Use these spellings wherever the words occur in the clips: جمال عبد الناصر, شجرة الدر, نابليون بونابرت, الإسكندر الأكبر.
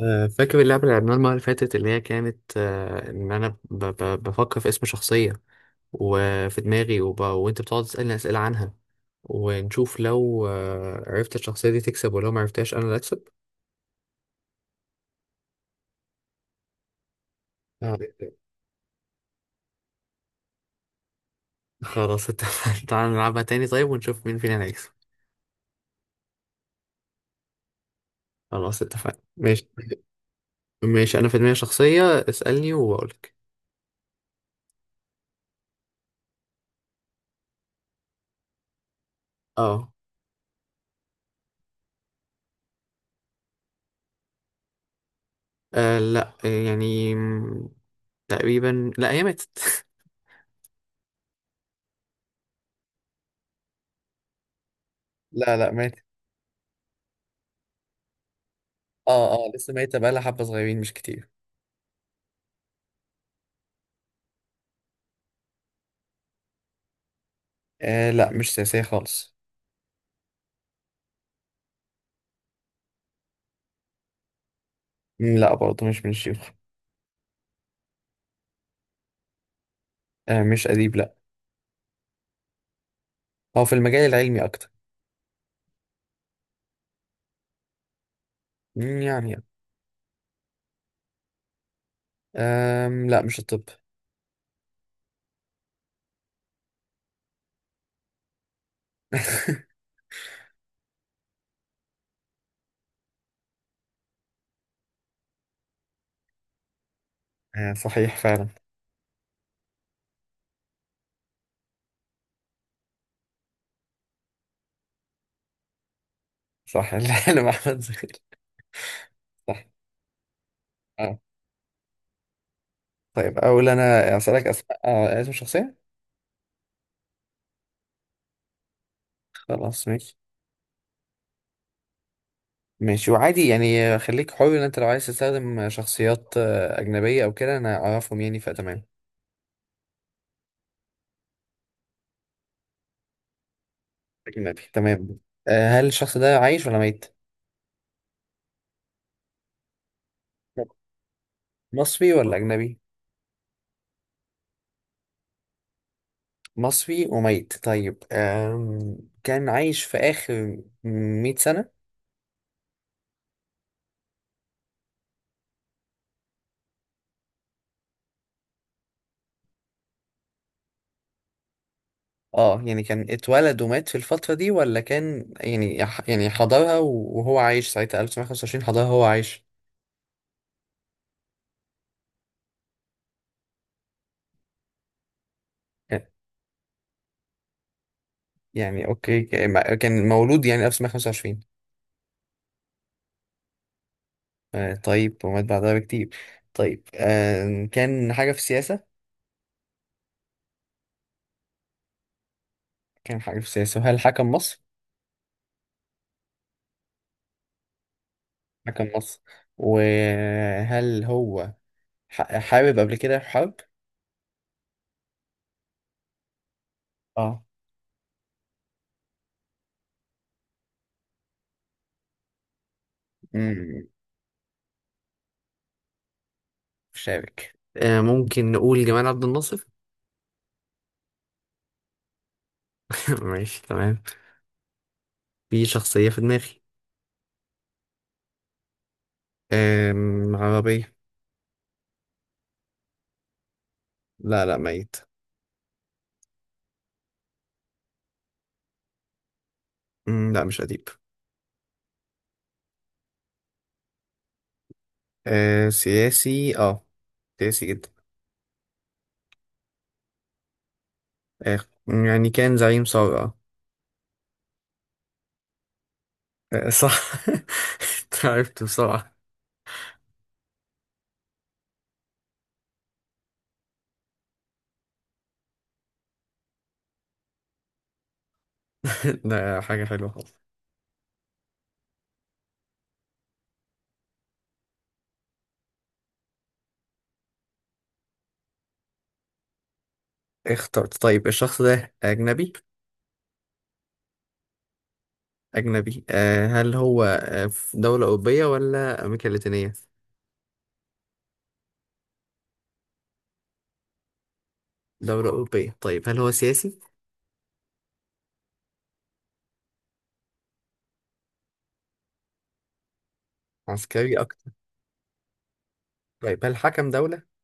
فاكر اللعبة اللي لعبناها المرة اللي فاتت اللي هي كانت إن أنا بفكر في اسم شخصية وفي دماغي وأنت بتقعد تسألني أسئلة عنها، ونشوف لو عرفت الشخصية دي تكسب، ولو ما عرفتهاش أنا اللي أكسب. آه، خلاص اتفقنا. تعالى نلعبها تاني، طيب، ونشوف مين فينا اللي هيكسب. خلاص اتفقنا ماشي. ماشي، أنا في دماغي شخصية. اسألني وأقولك. أه. لأ، يعني تقريبا لأ، هي ماتت. لا، لا، مات. اه، اه، لسه ميتة بقالها حبة صغيرين مش كتير. آه لا، مش سياسية خالص. لا، برضه مش من الشيوخ. آه مش أديب، لا. هو في المجال العلمي أكتر. يعني. لا، مش الطب. آه صحيح فعلا. صح. العلم أحمد زغير. صح. آه طيب، أقول أنا أسألك أسماء، اسم شخصية. خلاص ماشي. ماشي، وعادي يعني، خليك حر، إن أنت لو عايز تستخدم شخصيات أجنبية أو كده أنا أعرفهم يعني، فتمام. أجنبي تمام. هل الشخص ده عايش ولا ميت؟ مصري ولا أجنبي؟ مصري وميت. طيب، كان عايش في آخر 100 سنة؟ اه، يعني كان اتولد ومات في الفترة دي ولا كان يعني، يعني حضرها وهو عايش ساعتها 1925، حضرها وهو عايش. آه، يعني اوكي، كان مولود يعني 1925. آه طيب، ومات بعدها بكتير. طيب كان حاجة في السياسة. كان حاجة في السياسة، هل حكم مصر؟ حكم مصر. وهل هو حارب قبل كده في حرب؟ اه، شابك. ممكن نقول جمال عبد الناصر. ماشي تمام. في شخصية في دماغي. عربية. لا، لا، ميت. لا مش أديب. آه سياسي، اه، سياسي جدا. آه، يعني كان زعيم ثورة. آه. آه، صح. أنت عرفت بسرعة. ده حاجة حلوة خالص. اخترت طيب، الشخص ده أجنبي. أجنبي. هل هو في دولة أوروبية ولا أمريكا اللاتينية؟ دولة أوروبية. طيب، هل هو سياسي؟ عسكري أكتر. طيب هل حكم دولة؟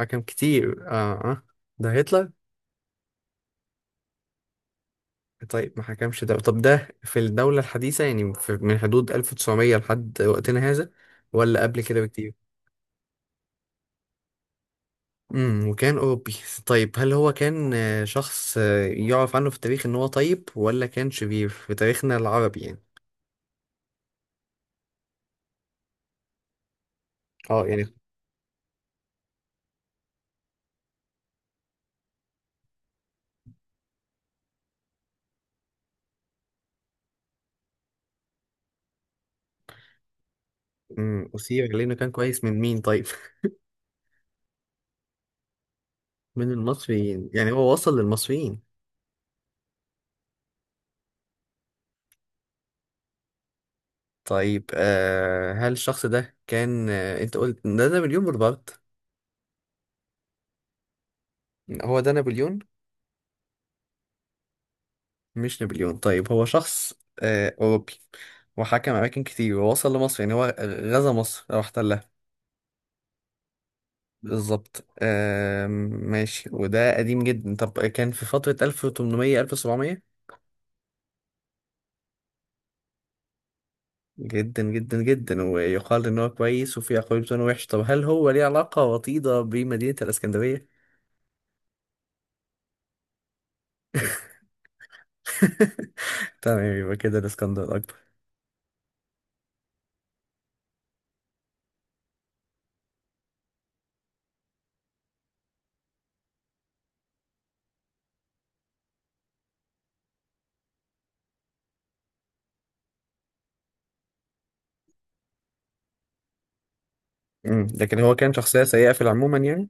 حكم كتير. اه، اه، ده هتلر؟ طيب، ما حكمش دولة. طب ده في الدولة الحديثة يعني، في من حدود 1900 لحد وقتنا هذا، ولا قبل كده بكتير؟ وكان أوروبي. طيب، هل هو كان شخص يعرف عنه في التاريخ إن هو طيب، ولا كان شرير في تاريخنا العربي يعني؟ اه يعني. أثير لأنه كان كويس، من مين طيب؟ من المصريين، يعني هو وصل للمصريين. طيب، هل الشخص ده كان، انت قلت ده نابليون بونابرت. هو ده نابليون؟ مش نابليون. طيب هو شخص أوروبي وحكم أماكن كتير ووصل لمصر، يعني هو غزا مصر أو احتلها. بالظبط. ماشي. وده قديم جدا، طب كان في فترة 1800 1700؟ جدا جدا جدا. ويقال إن هو كويس، وفي أقوال بتقول إنه وحش، طب هل هو ليه علاقة وطيدة بمدينة الإسكندرية؟ تمام، يبقى كده الإسكندر الأكبر. لكن هو كان شخصية سيئة في العموم يعني.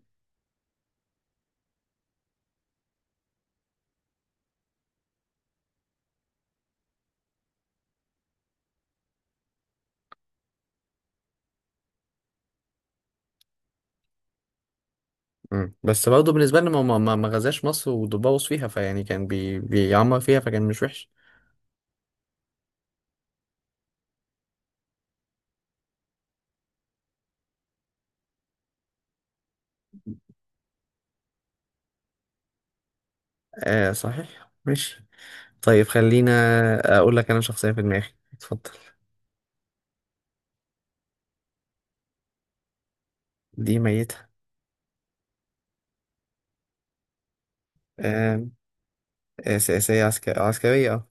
بس برضه بالنسبة لنا ما غزاش مصر وبوظ فيها، فيعني كان بيعمر فيها، فكان مش وحش. آه صحيح ماشي. طيب خلينا، أقول لك أنا شخصية في دماغي. اتفضل. دي ميتة. آه، آه، سياسية عسكرية، عسكرية اه.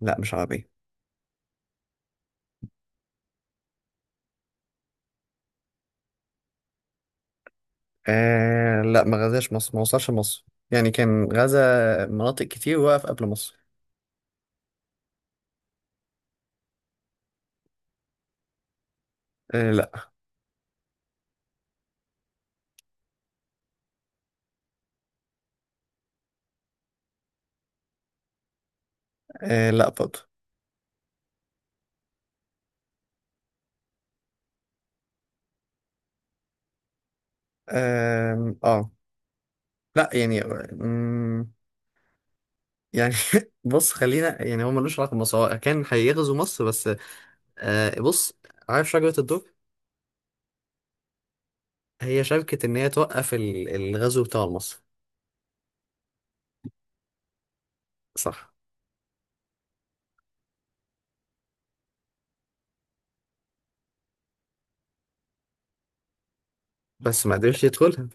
لا مش عربية. لا، ما غزاش مصر، ما وصلش مصر. يعني كان غزا مناطق كتير، وقف قبل مصر. لا. لا برضه. آه، آه. لا يعني، يعني بص، خلينا، يعني هو ملوش علاقه بمصر، هو كان هيغزو مصر بس. بص، عارف شجره الدر؟ هي شبكه ان هي توقف الغزو بتاع مصر. صح. بس ما قدرش يدخلها.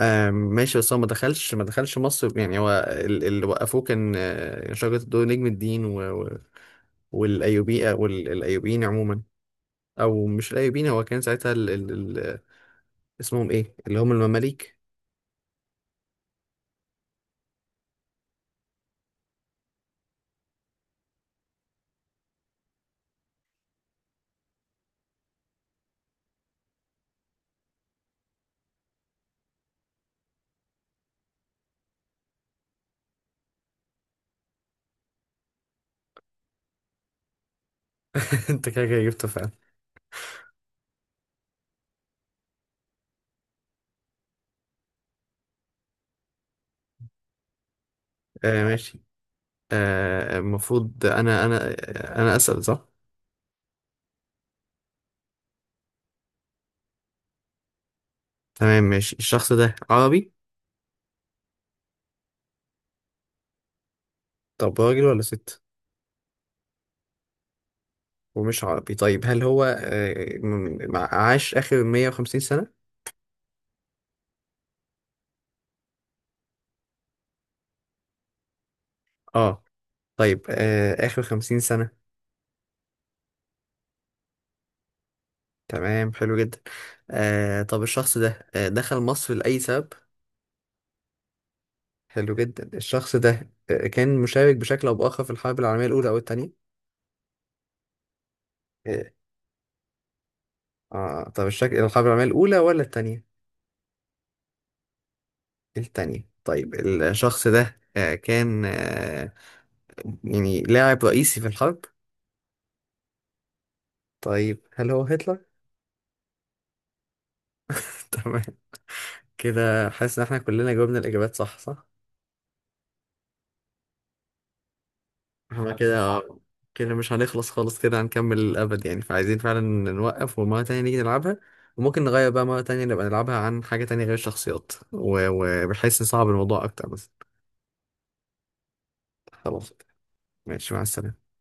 آه ماشي، بس هو ما دخلش ما دخلش مصر. يعني هو اللي وقفوه كان شجره الدر، نجم الدين والايوبي، والايوبيين عموما. او مش الايوبيين، هو كان ساعتها اسمهم ايه؟ اللي هم المماليك. انت كده كده جبته فعلا. آه ماشي، المفروض انا اسال، صح. تمام ماشي، الشخص ده عربي؟ طب راجل ولا ست؟ ومش عربي، طيب هل هو عاش اخر 150 سنة؟ اه. طيب اخر 50 سنة. تمام، حلو جدا. طب الشخص ده دخل مصر لأي سبب؟ حلو جدا. الشخص ده كان مشارك بشكل او باخر في الحرب العالمية الاولى او الثانية؟ اه. طب الشكل، الحرب العالمية الاولى ولا الثانية؟ التانية. طيب الشخص ده كان يعني لاعب رئيسي في الحرب. طيب هل هو هتلر؟ تمام. كده حاسس ان احنا كلنا جاوبنا الاجابات صح صح. احنا كده، كده مش هنخلص خالص، كده هنكمل الابد يعني، فعايزين فعلا نوقف، ومرة تانية نيجي نلعبها. وممكن نغير بقى مرة تانية، نبقى نلعبها عن حاجة تانية غير الشخصيات وبحيث نصعب الموضوع اكتر بس. خلاص. ماشي مع السلامة.